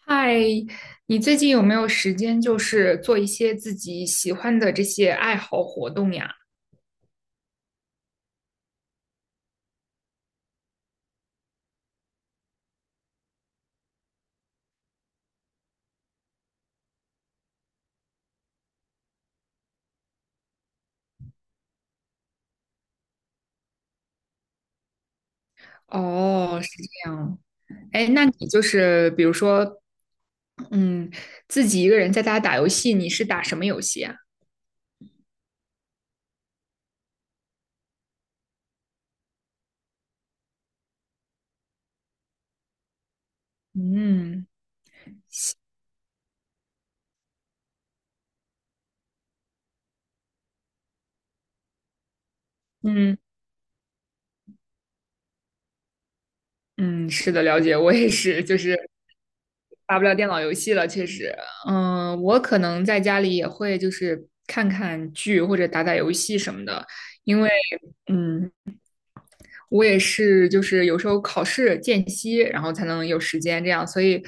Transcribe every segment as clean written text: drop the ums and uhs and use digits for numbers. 嗨，你最近有没有时间，就是做一些自己喜欢的这些爱好活动呀？哦，是这样。哎，那你就是比如说，嗯，自己一个人在家打游戏，你是打什么游戏啊？嗯嗯嗯，是的，了解，我也是，就是打不了电脑游戏了，确实。嗯，我可能在家里也会就是看看剧或者打打游戏什么的，因为嗯，我也是，就是有时候考试间隙，然后才能有时间这样。所以，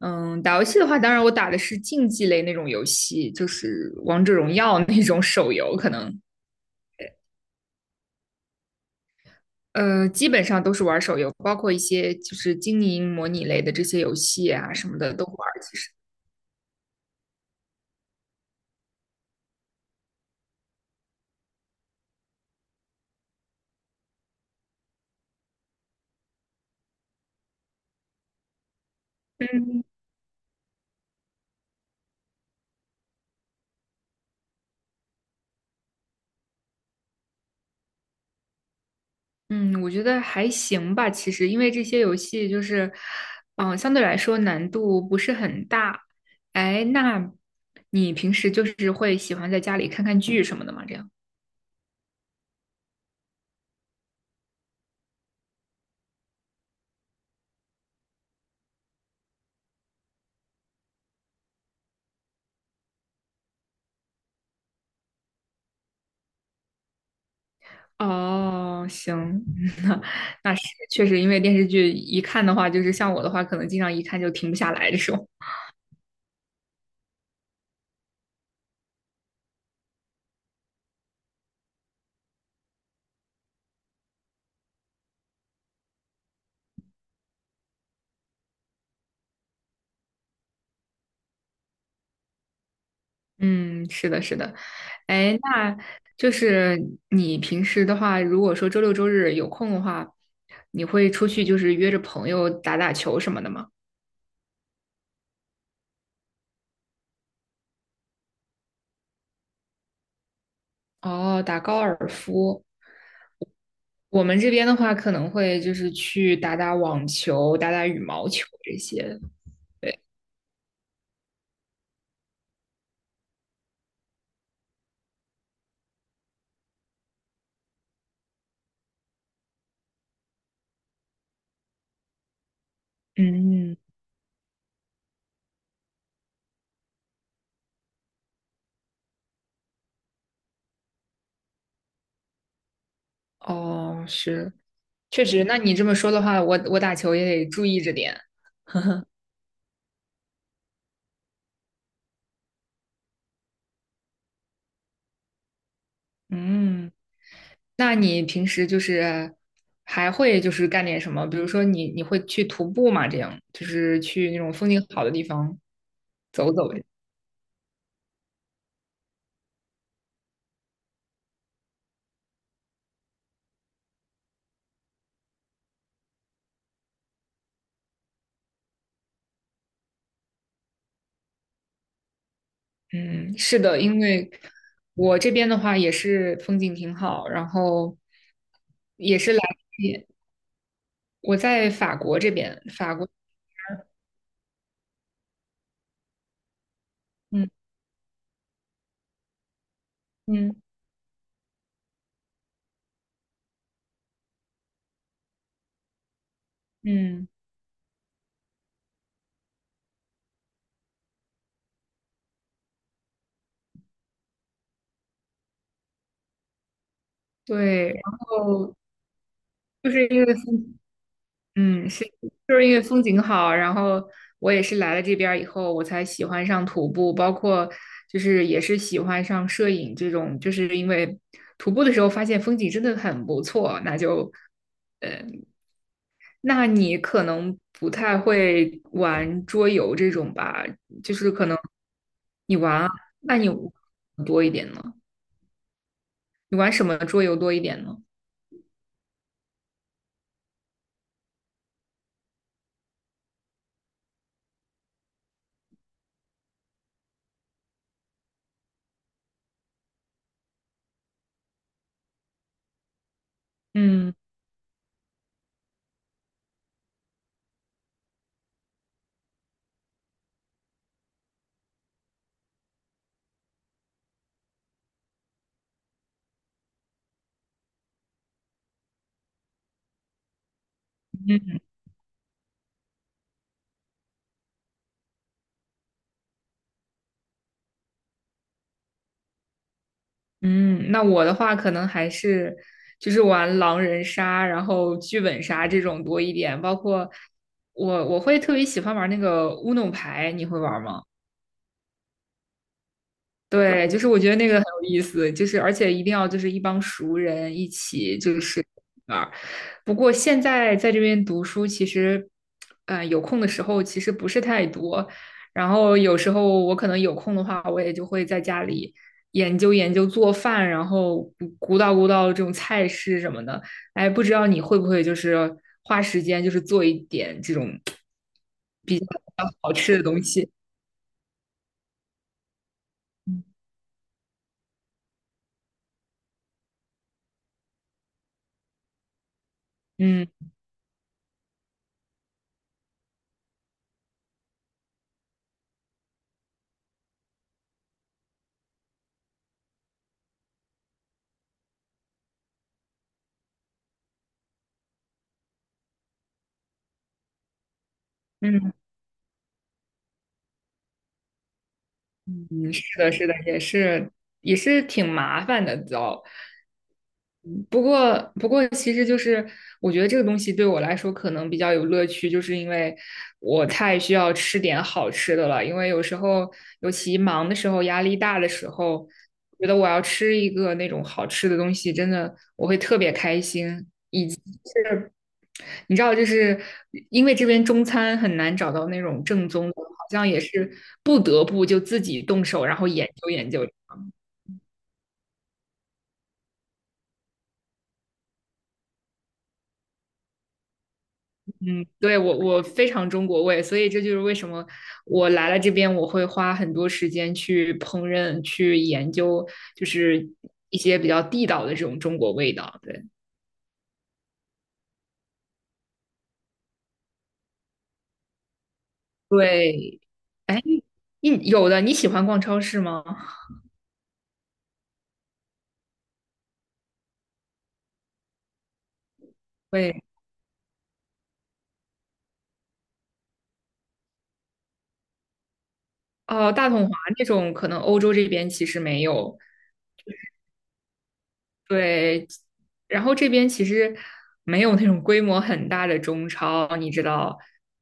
打游戏的话，当然我打的是竞技类那种游戏，就是王者荣耀那种手游，可能基本上都是玩手游，包括一些就是经营模拟类的这些游戏啊什么的都玩。嗯嗯，我觉得还行吧，其实因为这些游戏就是，相对来说难度不是很大。哎，那你平时就是会喜欢在家里看看剧什么的吗？这样？哦，行，那那是确实，因为电视剧一看的话，就是像我的话，可能经常一看就停不下来这种。嗯，是的，是的。哎，那就是你平时的话，如果说周六周日有空的话，你会出去就是约着朋友打打球什么的吗？哦，打高尔夫。我们这边的话，可能会就是去打打网球、打打羽毛球这些。对，嗯。哦，是，确实。那你这么说的话，我打球也得注意着点。嗯。那你平时就是还会就是干点什么？比如说你会去徒步吗？这样就是去那种风景好的地方走走。嗯，是的，因为我这边的话也是风景挺好，然后也是来这边我在法国这边，法国。嗯嗯嗯，对，然后就是因为风是，就是因为风景好，然后我也是来了这边儿以后，我才喜欢上徒步，包括就是也是喜欢上摄影这种，就是因为徒步的时候发现风景真的很不错，那就，那你可能不太会玩桌游这种吧，就是可能你玩啊，那你多一点呢？你玩什么桌游多一点呢？嗯。嗯，那我的话可能还是就是玩狼人杀，然后剧本杀这种多一点，包括我会特别喜欢玩那个乌弄牌，你会玩吗？对，就是我觉得那个很有意思，就是而且一定要就是一帮熟人一起就是玩儿。不过现在在这边读书，其实，有空的时候其实不是太多。然后有时候我可能有空的话，我也就会在家里研究研究做饭，然后鼓捣鼓捣这种菜式什么的。哎，不知道你会不会就是花时间就是做一点这种比较好吃的东西？嗯嗯。嗯，是的，是的，也是挺麻烦的，知糟。嗯不过，不过，其实就是我觉得这个东西对我来说可能比较有乐趣，就是因为我太需要吃点好吃的了。因为有时候，尤其忙的时候、压力大的时候，觉得我要吃一个那种好吃的东西，真的我会特别开心。你知道，就是因为这边中餐很难找到那种正宗的，好像也是不得不就自己动手，然后研究研究。嗯，对，我非常中国味，所以这就是为什么我来了这边，我会花很多时间去烹饪、去研究，就是一些比较地道的这种中国味道。对对，哎，你有的你喜欢逛超市吗？会哦，大统华那种可能欧洲这边其实没有，对，然后这边其实没有那种规模很大的中超，你知道，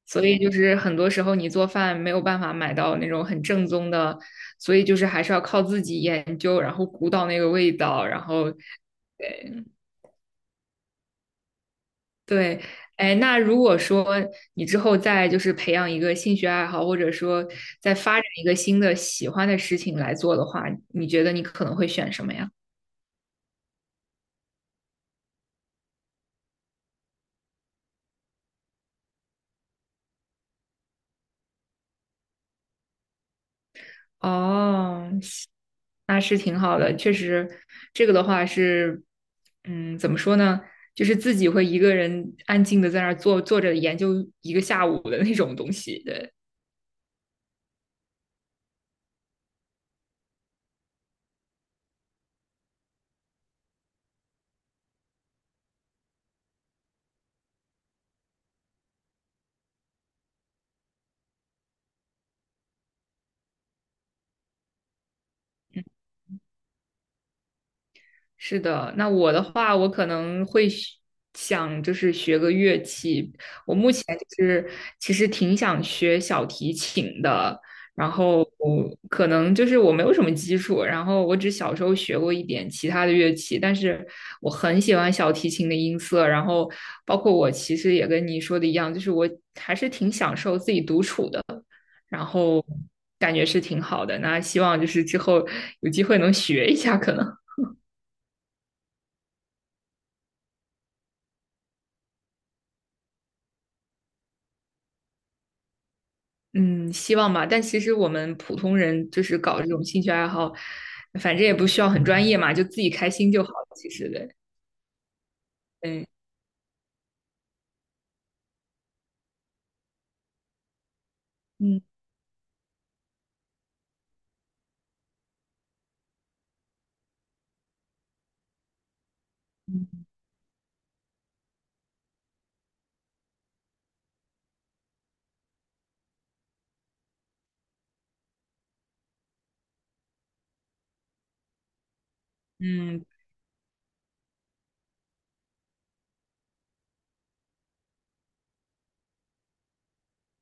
所以就是很多时候你做饭没有办法买到那种很正宗的，所以就是还是要靠自己研究，然后鼓捣那个味道，然后对，哎，那如果说你之后再就是培养一个兴趣爱好，或者说再发展一个新的喜欢的事情来做的话，你觉得你可能会选什么呀？哦，是那是挺好的，确实，这个的话是，嗯，怎么说呢？就是自己会一个人安静的在那儿坐着研究一个下午的那种东西。对，是的。那我的话，我可能会学想就是学个乐器，前就是其实挺想学小提琴的，然后可能就是我没有什么基础，然后我只小时候学过一点其他的乐器，但是我很喜欢小提琴的音色，然后包括我其实也跟你说的一样，就是我还是挺享受自己独处的，然后感觉是挺好的。那希望就是之后有机会能学一下，可能。嗯，希望吧。但其实我们普通人就是搞这种兴趣爱好，反正也不需要很专业嘛，就自己开心就好了其实对，对嗯嗯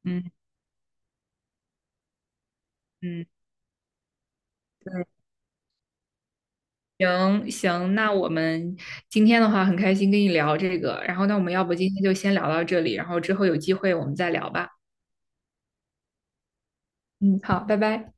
嗯嗯嗯，对，行行。那我们今天的话很开心跟你聊这个，然后那我们要不今天就先聊到这里，然后之后有机会我们再聊吧。嗯，好，拜拜。